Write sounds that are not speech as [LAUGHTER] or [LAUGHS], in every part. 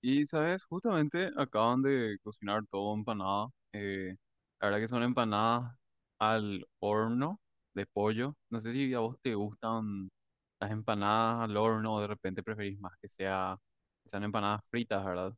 Y sabes, justamente acaban de cocinar todo empanada. eh, la verdad que son empanadas al horno de pollo. No sé si a vos te gustan las empanadas al horno o de repente preferís más que sea, que sean empanadas fritas, ¿verdad?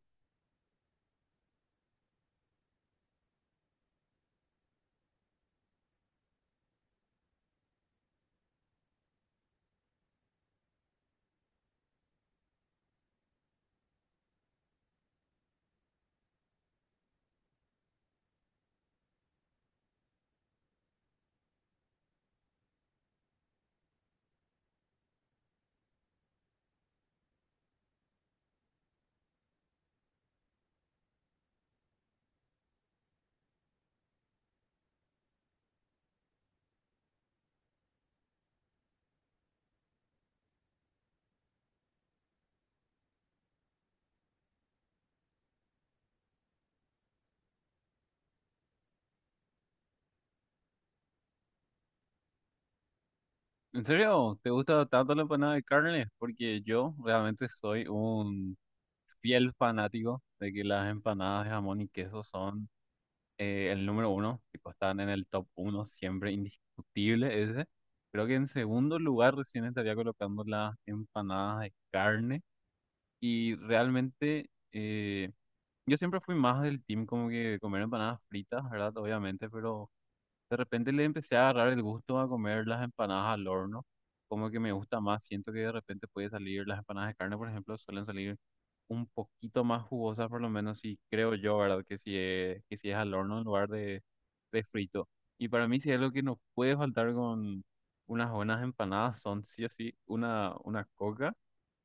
¿En serio? ¿Te gusta tanto la empanada de carne? Porque yo realmente soy un fiel fanático de que las empanadas de jamón y queso son el número uno, tipo, están en el top uno, siempre indiscutible ese. Creo que en segundo lugar recién estaría colocando las empanadas de carne. Y realmente yo siempre fui más del team como que comer empanadas fritas, ¿verdad? Obviamente, pero de repente le empecé a agarrar el gusto a comer las empanadas al horno, como que me gusta más, siento que de repente puede salir, las empanadas de carne, por ejemplo, suelen salir un poquito más jugosas, por lo menos si creo yo, ¿verdad? Que si es al horno en lugar de frito. Y para mí si es algo que no puede faltar con unas buenas empanadas, son sí o sí una coca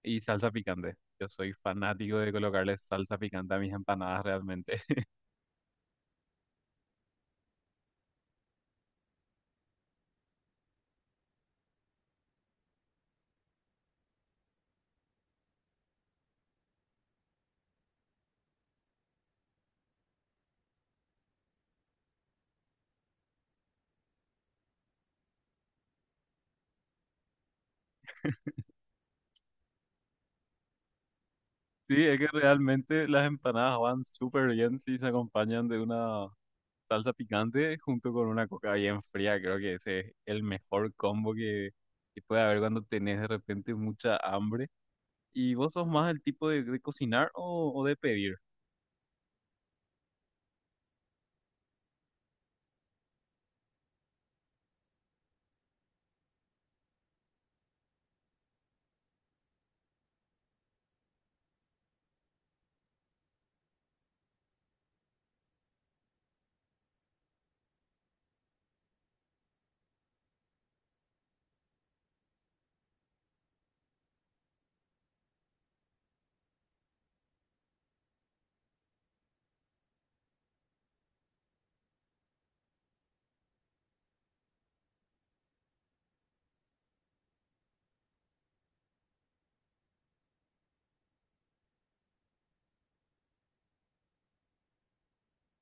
y salsa picante. Yo soy fanático de colocarle salsa picante a mis empanadas realmente. Sí, es que realmente las empanadas van súper bien si se acompañan de una salsa picante junto con una coca bien fría. Creo que ese es el mejor combo que puede haber cuando tenés de repente mucha hambre. ¿Y vos sos más el tipo de cocinar o de pedir?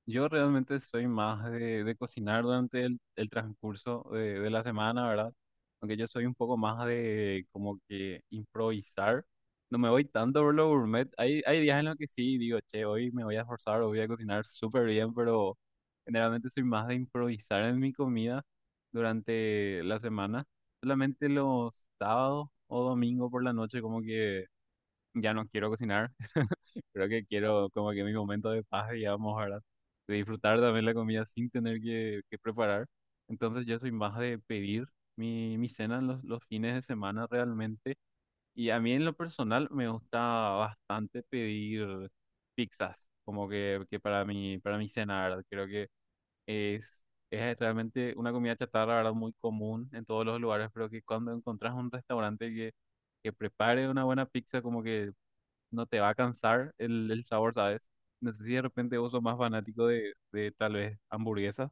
Yo realmente soy más de cocinar durante el transcurso de la semana, ¿verdad? Aunque yo soy un poco más de como que improvisar. No me voy tanto por lo gourmet. Hay días en los que sí, digo, che, hoy me voy a esforzar, hoy voy a cocinar súper bien, pero generalmente soy más de improvisar en mi comida durante la semana. Solamente los sábados o domingo por la noche como que ya no quiero cocinar. Creo que quiero como que mi momento de paz, digamos, ¿verdad? De disfrutar también la comida sin tener que preparar. Entonces yo soy más de pedir mi, mi cena los fines de semana realmente. Y a mí en lo personal me gusta bastante pedir pizzas, como que para mi cena, ¿verdad? Creo que es, es realmente una comida chatarra, ¿verdad? Muy común en todos los lugares, pero que cuando encontrás un restaurante que prepare una buena pizza, como que no te va a cansar el sabor, ¿sabes? No sé si de repente vos sos más fanático de tal vez hamburguesas.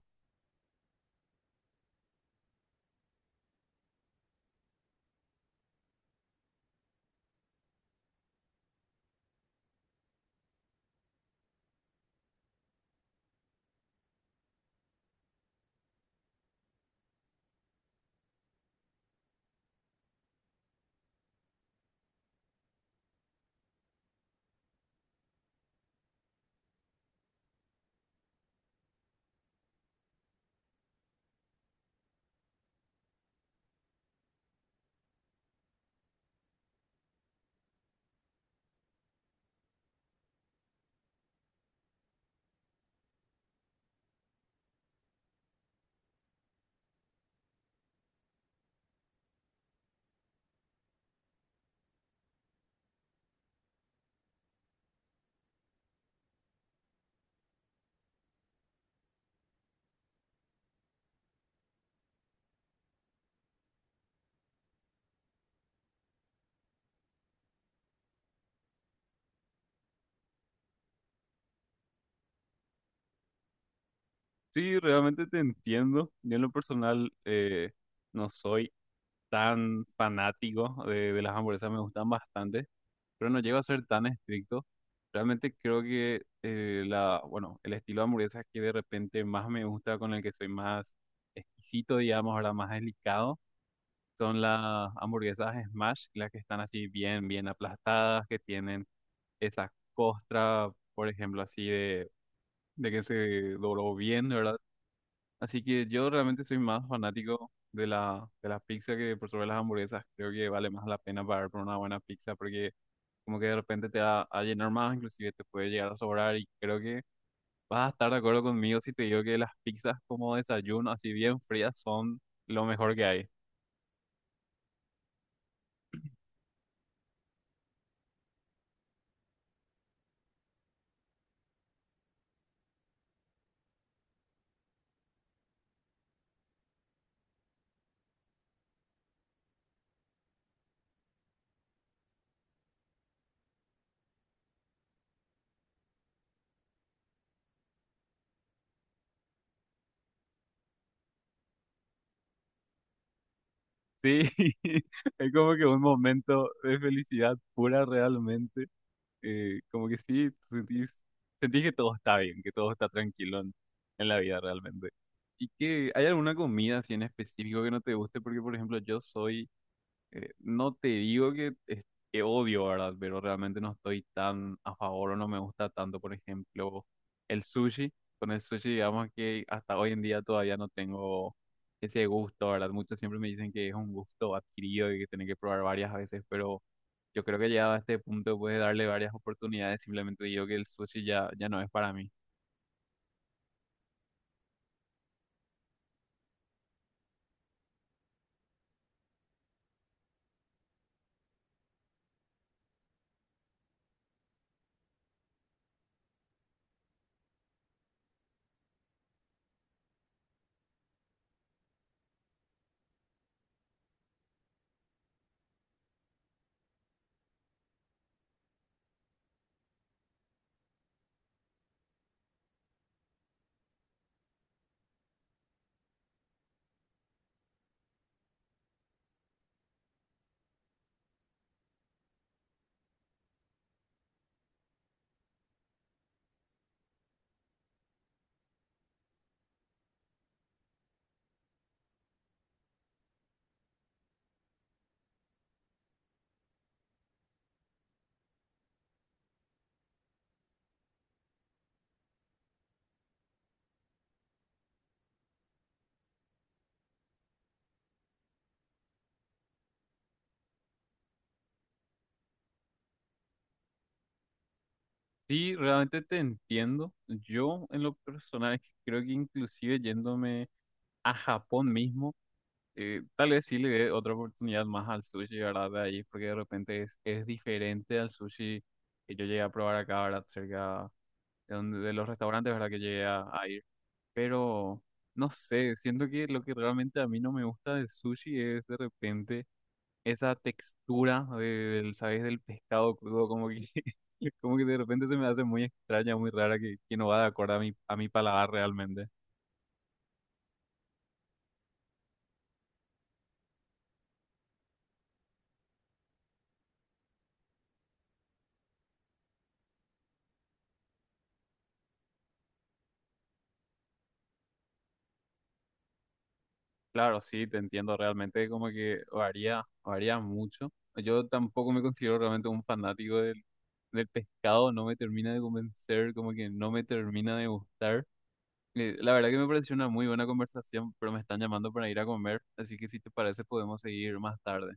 Sí, realmente te entiendo. Yo en lo personal no soy tan fanático de las hamburguesas, me gustan bastante, pero no llego a ser tan estricto. Realmente creo que la, bueno, el estilo de hamburguesas que de repente más me gusta, con el que soy más exquisito, digamos, ahora más delicado, son las hamburguesas Smash, las que están así bien, bien aplastadas, que tienen esa costra, por ejemplo, así de que se dobló bien, ¿verdad? Así que yo realmente soy más fanático de la, de las pizzas que por sobre las hamburguesas. Creo que vale más la pena pagar por una buena pizza porque como que de repente te va a llenar más, inclusive te puede llegar a sobrar y creo que vas a estar de acuerdo conmigo si te digo que las pizzas como desayuno, así bien frías, son lo mejor que hay. Sí, [LAUGHS] es como que un momento de felicidad pura realmente como que sí, tú sentís, sentís que todo está bien, que todo está tranquilo en la vida realmente. ¿Y que hay alguna comida así en específico que no te guste? Porque, por ejemplo, yo soy, no te digo que, que odio, ¿verdad? Pero realmente no estoy tan a favor o no me gusta tanto, por ejemplo, el sushi. Con el sushi, digamos que hasta hoy en día todavía no tengo ese gusto, ¿verdad? Muchos siempre me dicen que es un gusto adquirido y que tienen que probar varias veces, pero... Yo creo que llegado a este punto puedes darle varias oportunidades. Simplemente digo que el sushi ya no es para mí. Sí, realmente te entiendo. Yo en lo personal creo que inclusive yéndome a Japón mismo, tal vez sí le dé otra oportunidad más al sushi, ¿verdad? De ahí, porque de repente es diferente al sushi que yo llegué a probar acá, ¿verdad? Cerca de, donde, de los restaurantes, ¿verdad? Que llegué a ir. Pero no sé, siento que lo que realmente a mí no me gusta del sushi es de repente esa textura del, ¿sabes? Del pescado crudo, como que, [LAUGHS] como que de repente se me hace muy extraña, muy rara, que no va de acuerdo a mi paladar realmente. Claro, sí, te entiendo, realmente como que varía, varía mucho. Yo tampoco me considero realmente un fanático del, del pescado, no me termina de convencer, como que no me termina de gustar. La verdad que me pareció una muy buena conversación, pero me están llamando para ir a comer, así que si te parece podemos seguir más tarde.